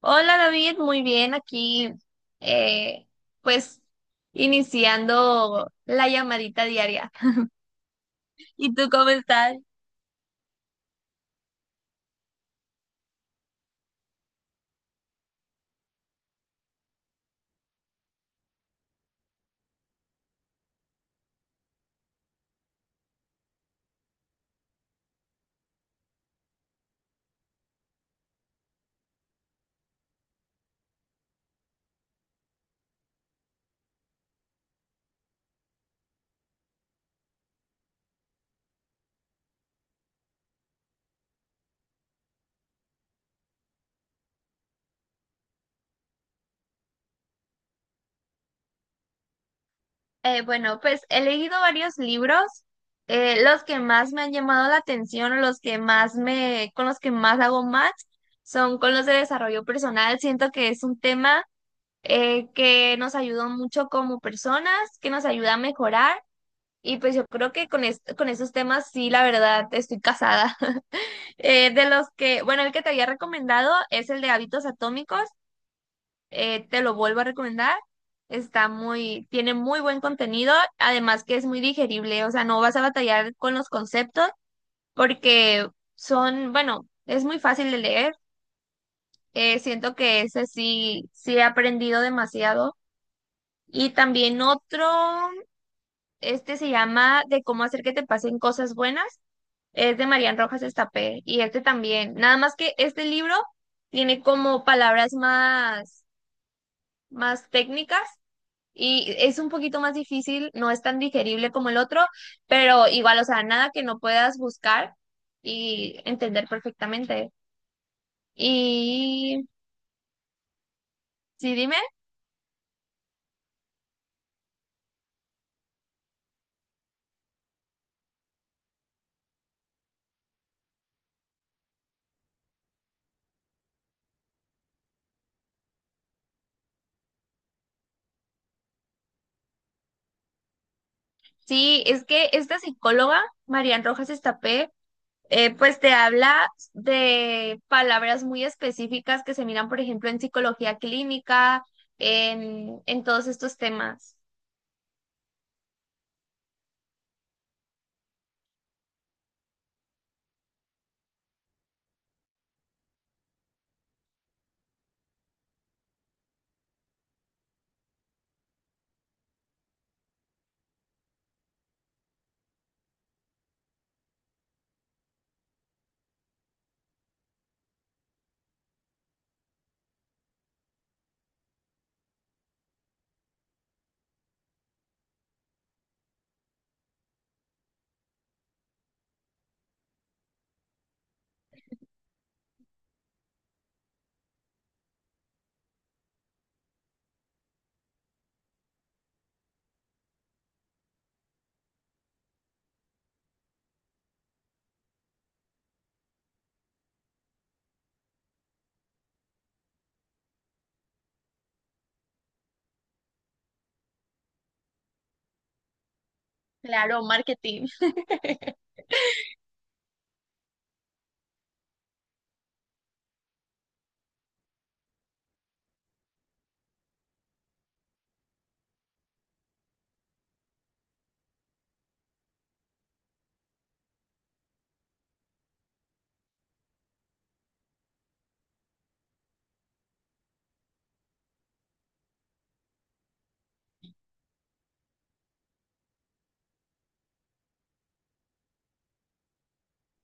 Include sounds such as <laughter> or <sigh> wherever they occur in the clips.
Hola David, muy bien aquí, eh, pues iniciando la llamadita diaria. <laughs> ¿Y tú cómo estás? Bueno, pues he leído varios libros, los que más me han llamado la atención, o los que más con los que más hago match, son con los de desarrollo personal. Siento que es un tema que nos ayuda mucho como personas, que nos ayuda a mejorar, y pues yo creo que con esos temas sí, la verdad, estoy casada. <laughs> De los que, bueno, El que te había recomendado es el de hábitos atómicos. Te lo vuelvo a recomendar. Está muy, tiene muy buen contenido, además que es muy digerible, o sea, no vas a batallar con los conceptos porque son, bueno, es muy fácil de leer. Siento que ese sí, sí he aprendido demasiado. Y también otro, este se llama de cómo hacer que te pasen cosas buenas. Es de Marian Rojas Estapé y este también. Nada más que este libro tiene como palabras más, más técnicas y es un poquito más difícil, no es tan digerible como el otro, pero igual, o sea, nada que no puedas buscar y entender perfectamente. Y sí, dime, sí, es que esta psicóloga, Marian Rojas Estapé, pues te habla de palabras muy específicas que se miran, por ejemplo, en psicología clínica, en todos estos temas. Claro, marketing. <laughs>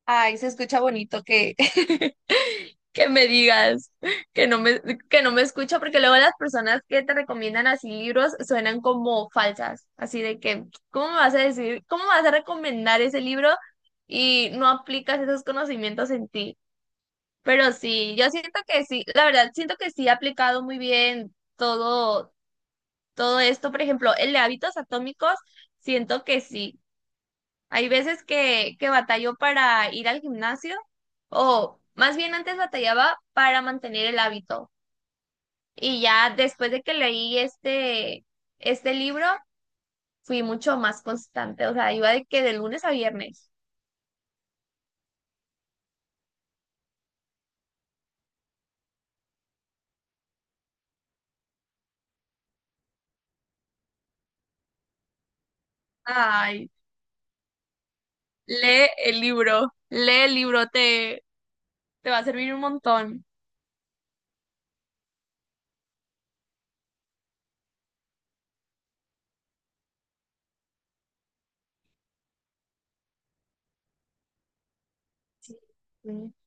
Ay, se escucha bonito que, <laughs> que me digas que no que no me escucha, porque luego las personas que te recomiendan así libros suenan como falsas, así de que, ¿cómo me vas a decir, cómo me vas a recomendar ese libro y no aplicas esos conocimientos en ti? Pero sí, yo siento que sí, la verdad, siento que sí ha aplicado muy bien todo, todo esto. Por ejemplo, el de hábitos atómicos, siento que sí. Hay veces que batallo para ir al gimnasio, o más bien antes batallaba para mantener el hábito. Y ya después de que leí este libro, fui mucho más constante. O sea, iba de que de lunes a viernes. Ay, lee el libro, te va a servir un montón. Sí.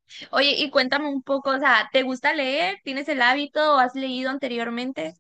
Sí. Oye, y cuéntame un poco, o sea, ¿te gusta leer? ¿Tienes el hábito o has leído anteriormente?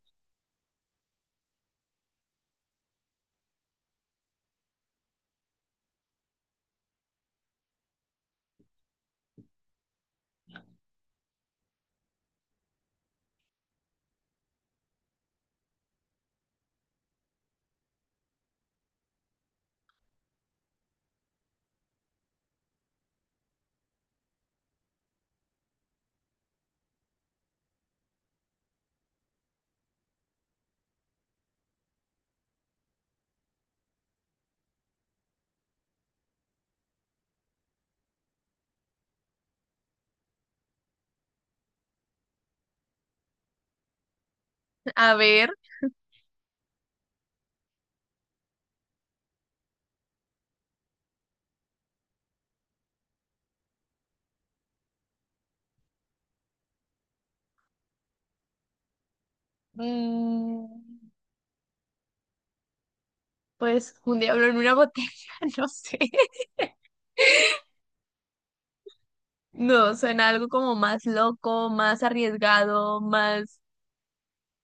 A ver, mm, pues un diablo en una botella, <laughs> no sé. No, suena algo como más loco, más arriesgado, más...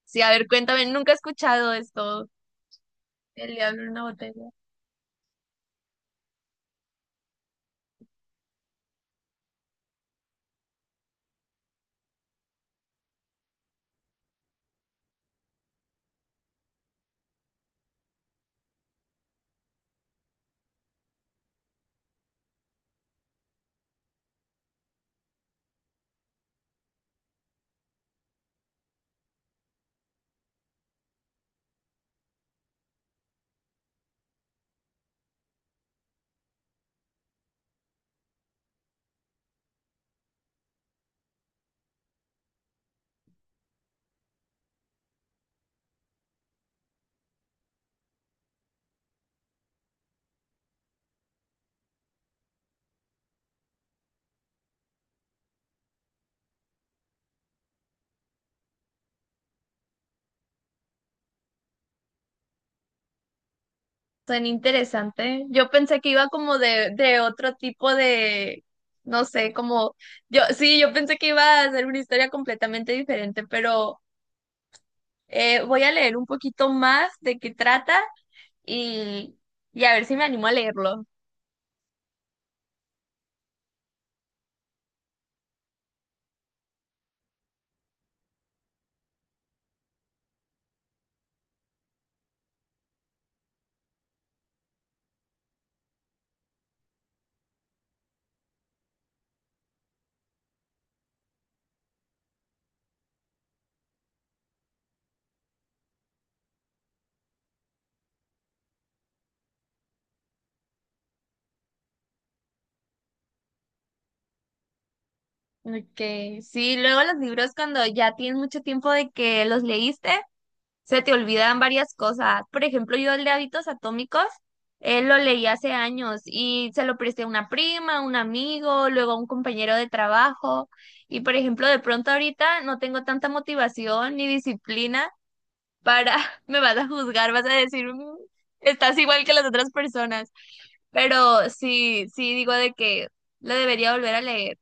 Sí, a ver, cuéntame, nunca he escuchado esto, el diablo en una botella. Suena interesante. Yo pensé que iba como de otro tipo de, no sé, como... Yo, sí, yo pensé que iba a ser una historia completamente diferente, pero... Voy a leer un poquito más de qué trata y, y a ver si me animo a leerlo. Ok, sí, luego los libros cuando ya tienes mucho tiempo de que los leíste, se te olvidan varias cosas. Por ejemplo, yo el de Hábitos Atómicos, él lo leí hace años y se lo presté a una prima, a un amigo, luego a un compañero de trabajo. Y por ejemplo, de pronto ahorita no tengo tanta motivación ni disciplina para, <laughs> me vas a juzgar, vas a decir, "Mm, estás igual que las otras personas. Pero sí, sí digo de que lo debería volver a leer.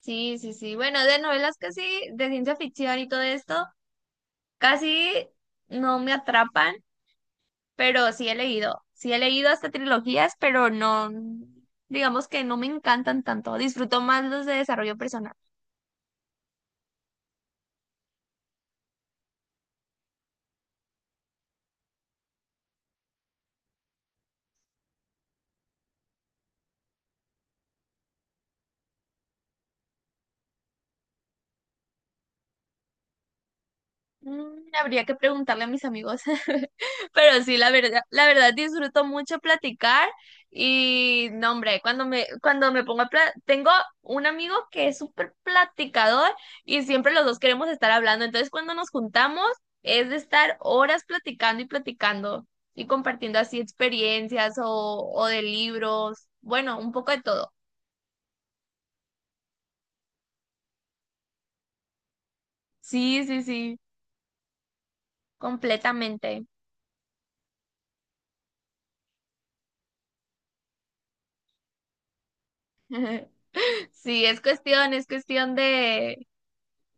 Sí, sí, sí. Bueno, de novelas casi, de ciencia ficción y todo esto, casi no me atrapan, pero sí he leído. Sí he leído hasta trilogías, pero no, digamos que no me encantan tanto. Disfruto más los de desarrollo personal. Mm, habría que preguntarle a mis amigos, <laughs> pero sí, la verdad disfruto mucho platicar y no, hombre, cuando me pongo a pla- tengo un amigo que es súper platicador y siempre los dos queremos estar hablando, entonces cuando nos juntamos es de estar horas platicando y platicando y compartiendo así experiencias o de libros, bueno, un poco de todo. Sí, sí, sí, completamente. <laughs> Sí, es cuestión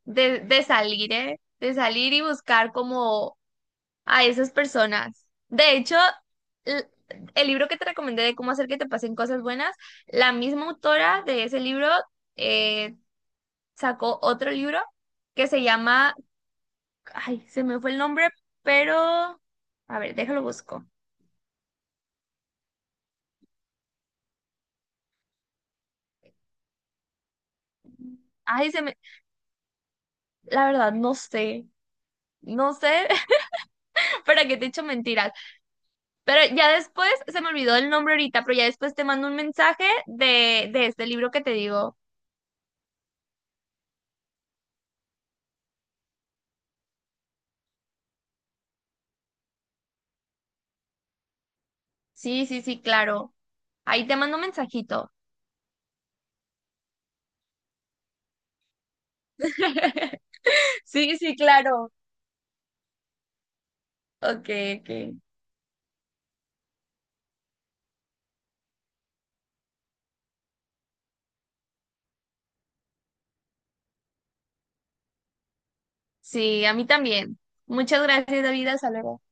de salir, ¿eh? De salir y buscar como a esas personas. De hecho, l- el libro que te recomendé de cómo hacer que te pasen cosas buenas, la misma autora de ese libro eh, sacó otro libro que se llama, ay, se me fue el nombre, pero, a ver, déjalo busco. Ay, se me, la verdad, no sé. No sé <laughs> para qué te he hecho mentiras, pero ya después se me olvidó el nombre ahorita, pero ya después te mando un mensaje de este libro que te digo. Sí, sí, sí, claro. Ahí te mando un mensajito. <laughs> Sí, sí, claro. Ok, ok. Sí, a mí también. Muchas gracias, David. Hasta luego.